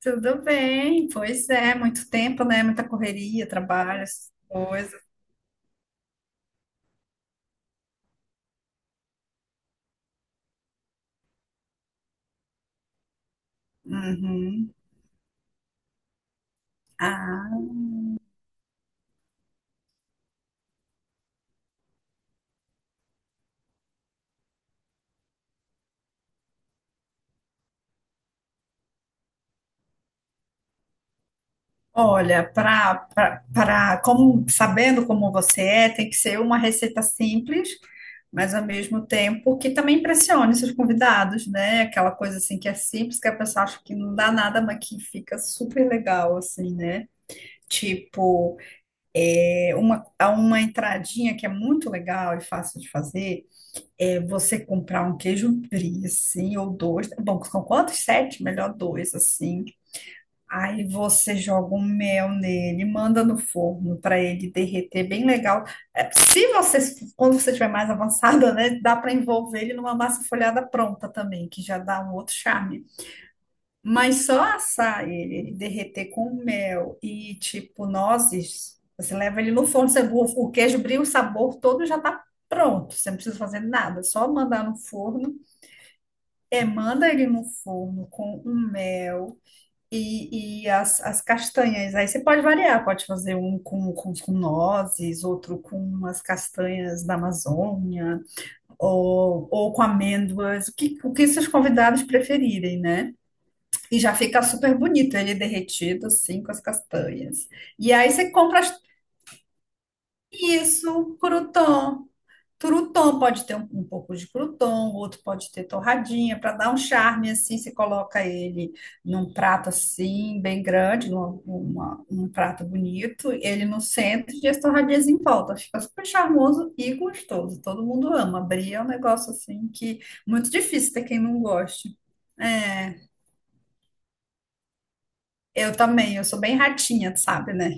Tudo bem, pois é, muito tempo, né? Muita correria, trabalho, essas coisas. Uhum. Ah, olha, para como sabendo como você é, tem que ser uma receita simples, mas ao mesmo tempo que também impressione seus convidados, né? Aquela coisa assim que é simples, que a pessoa acha que não dá nada, mas que fica super legal, assim, né? Tipo, há uma entradinha que é muito legal e fácil de fazer é você comprar um queijo brie, assim, ou dois. Bom, são quantos? Sete? Melhor dois, assim. Aí você joga um mel nele, manda no forno para ele derreter bem legal. É, se você, quando você estiver mais avançada, né, dá para envolver ele numa massa folhada pronta também, que já dá um outro charme. Mas só assar ele, ele derreter com mel e tipo nozes, você leva ele no forno, você, o queijo brie, o sabor todo já tá pronto. Você não precisa fazer nada, só mandar no forno. É, manda ele no forno com um mel e as castanhas. Aí você pode variar, pode fazer um com, com nozes, outro com umas castanhas da Amazônia, ou com amêndoas, o que seus convidados preferirem, né? E já fica super bonito ele derretido, assim, com as castanhas. E aí você compra isso, crouton. Crouton pode ter um, um pouco de crouton, outro pode ter torradinha, para dar um charme, assim, você coloca ele num prato, assim, bem grande, um prato bonito, ele no centro e as torradinhas em volta. Fica super charmoso e gostoso. Todo mundo ama. Brie é um negócio, assim, que muito difícil ter quem não goste. É, eu também, eu sou bem ratinha, sabe, né?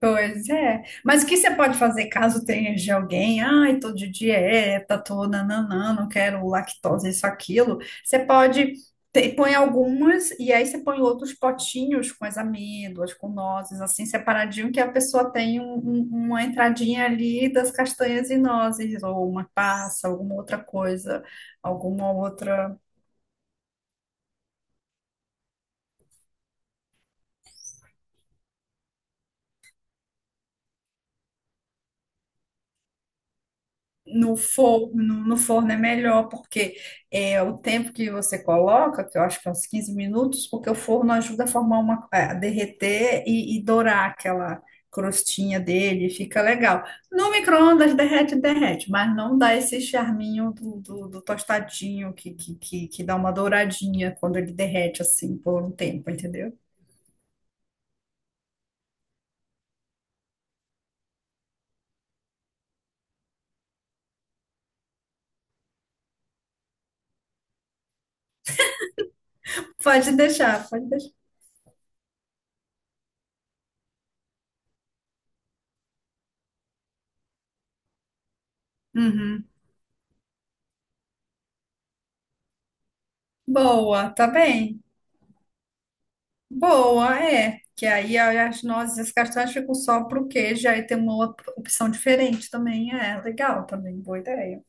Pois é. Mas o que você pode fazer caso tenha de alguém? Ai, tô de dieta, tô nananã, não quero lactose, isso, aquilo. Você pode. Põe algumas e aí você põe outros potinhos com as amêndoas, com nozes, assim, separadinho, que a pessoa tem uma entradinha ali das castanhas e nozes, ou uma passa, alguma outra coisa, alguma outra. No forno, no forno é melhor, porque é o tempo que você coloca, que eu acho que é uns 15 minutos, porque o forno ajuda a formar uma, é, a derreter e dourar aquela crostinha dele, fica legal. No micro-ondas derrete, derrete, mas não dá esse charminho do tostadinho que dá uma douradinha quando ele derrete assim por um tempo, entendeu? Pode deixar, pode deixar. Uhum. Boa, tá bem. Boa, é. Que aí as nozes e as castanhas ficam só pro queijo, aí tem uma outra opção diferente também. É legal também, boa ideia.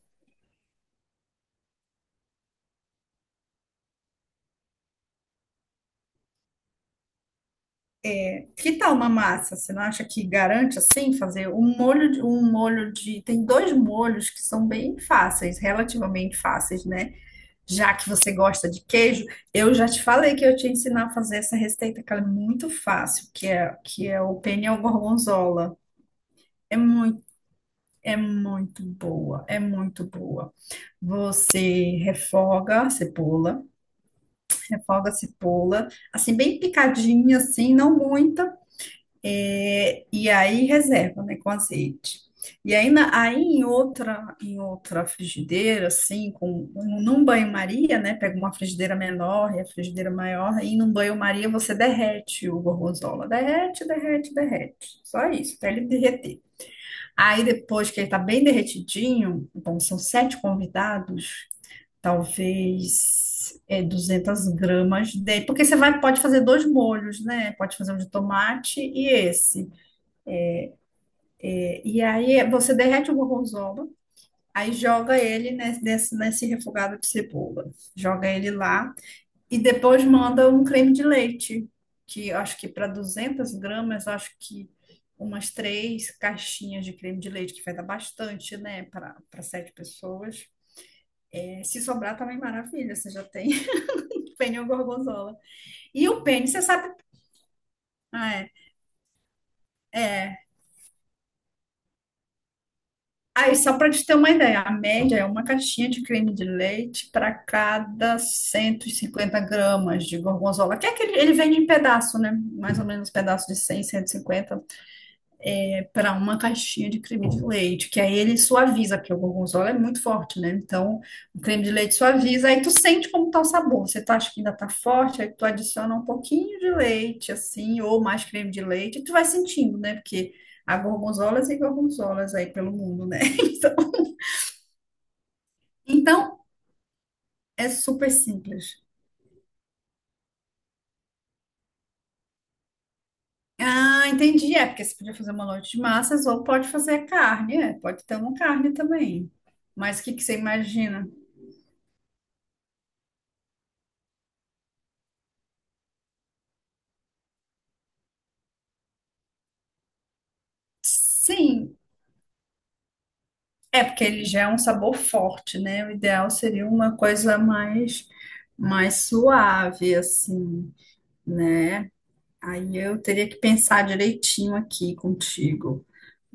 Que tal uma massa? Você não acha que garante assim fazer um molho de. Tem dois molhos que são bem fáceis, relativamente fáceis, né? Já que você gosta de queijo, eu já te falei que eu te ensinar a fazer essa receita, que ela é muito fácil, que é o penne ao gorgonzola. É muito, é muito boa, é muito boa. Você refoga a cebola, assim, bem picadinha, assim, não muita, e aí reserva, né, com azeite. E aí, aí em outra frigideira, assim, num banho-maria, né, pega uma frigideira menor e a frigideira maior, aí num banho-maria você derrete o gorgonzola, derrete, derrete, derrete, só isso, até ele derreter. Aí depois que ele tá bem derretidinho, bom, são sete convidados, talvez 200 gramas dele, porque você vai, pode fazer dois molhos, né? Pode fazer um de tomate e esse. E aí você derrete o gorgonzola, aí joga ele nesse refogado de cebola, joga ele lá e depois manda um creme de leite, que eu acho que para 200 gramas, eu acho que umas três caixinhas de creme de leite, que vai dar bastante, né, para sete pessoas. Se sobrar também maravilha, você já tem, tem o gorgonzola. E o pênis, você sabe. Ah, é. Aí, só para te ter uma ideia, a média é uma caixinha de creme de leite para cada 150 gramas de gorgonzola, que é aquele, ele vem em pedaço, né? Mais ou menos pedaço de cem cento e cinquenta para uma caixinha de creme de leite, que aí ele suaviza, porque o gorgonzola é muito forte, né? Então, o creme de leite suaviza, aí tu sente como tá o sabor. Você tá, acha que ainda tá forte, aí tu adiciona um pouquinho de leite, assim, ou mais creme de leite, e tu vai sentindo, né? Porque há gorgonzolas e gorgonzolas aí pelo mundo, né? Então, então é super simples. Ah, entendi. É, porque você podia fazer uma noite de massas ou pode fazer carne, é, pode ter uma carne também. Mas o que que você imagina? Sim, porque ele já é um sabor forte, né? O ideal seria uma coisa mais, mais suave, assim, né? Aí eu teria que pensar direitinho aqui contigo.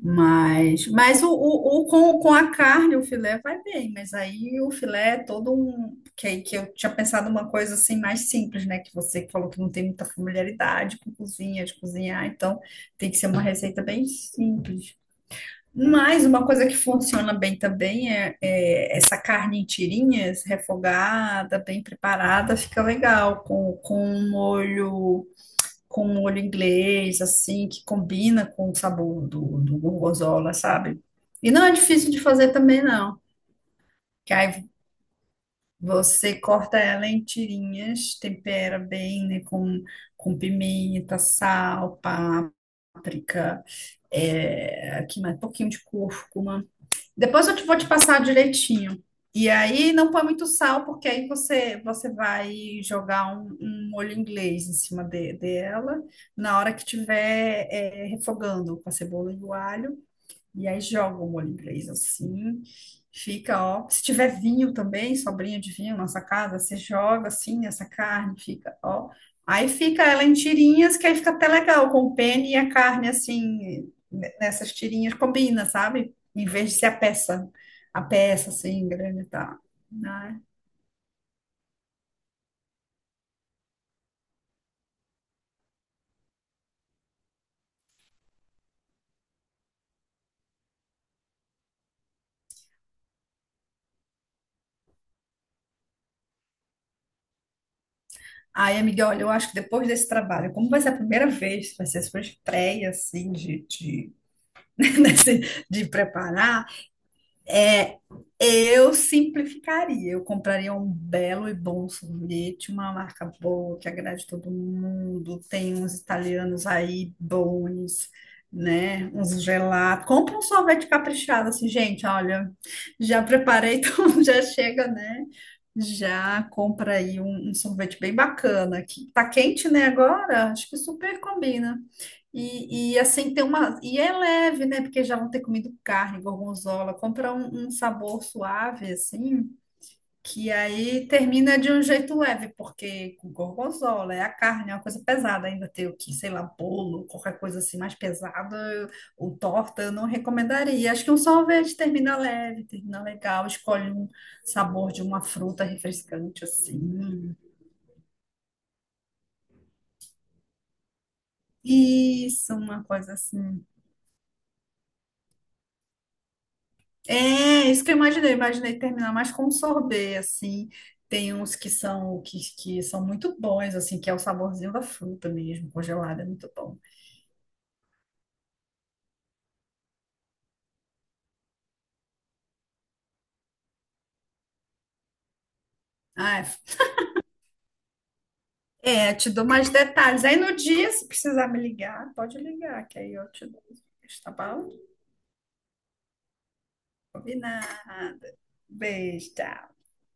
Mas com a carne, o filé vai bem, mas aí o filé é todo um. Que, aí que eu tinha pensado uma coisa assim mais simples, né? Que você falou que não tem muita familiaridade com cozinha, de cozinhar, então tem que ser uma receita bem simples. Mas uma coisa que funciona bem também é, é essa carne em tirinhas, refogada, bem preparada, fica legal com um molho inglês, assim, que combina com o sabor do gorgonzola, sabe? E não é difícil de fazer também, não. Que aí você corta ela em tirinhas, tempera bem, né, com pimenta, sal, páprica, aqui mais um pouquinho de cúrcuma. Depois eu te vou te passar direitinho. E aí não põe muito sal, porque aí você, você vai jogar um molho inglês em cima dela na hora que tiver refogando com a cebola e o alho. E aí joga o molho inglês assim, fica, ó. Se tiver vinho também, sobrinho de vinho na sacada, você joga assim essa carne, fica, ó. Aí fica ela em tirinhas, que aí fica até legal, com o pene e a carne assim, nessas tirinhas combina, sabe? Em vez de ser a peça assim, grande e tal. Né? Aí, amiga, olha, eu acho que depois desse trabalho, como vai ser a primeira vez, vai ser a sua estreia, assim, de preparar, eu simplificaria, eu compraria um belo e bom sorvete, uma marca boa que agrade todo mundo. Tem uns italianos aí bons, né? Uns gelato. Compra um sorvete caprichado, assim, gente. Olha, já preparei, então já chega, né? Já compra aí um sorvete bem bacana. Que tá quente, né? Agora, acho que super combina. Assim tem uma. E é leve, né? Porque já vão ter comido carne, gorgonzola. Compra um sabor suave, assim, que aí termina de um jeito leve, porque com gorgonzola é a carne, é uma coisa pesada. Ainda ter o que, sei lá, bolo, qualquer coisa assim mais pesada, ou torta, eu não recomendaria. Acho que um sorvete termina leve, termina legal. Escolhe um sabor de uma fruta refrescante, assim. Isso, uma coisa assim. É, isso que eu imaginei. Eu imaginei terminar mais com um sorbet, assim. Tem uns que são que são muito bons, assim, que é o saborzinho da fruta mesmo, congelada, é muito bom. Ah, é, te dou mais detalhes. Aí no dia, se precisar me ligar, pode ligar, que aí eu te dou. Tá bom? Combinado. Beijo, tchau.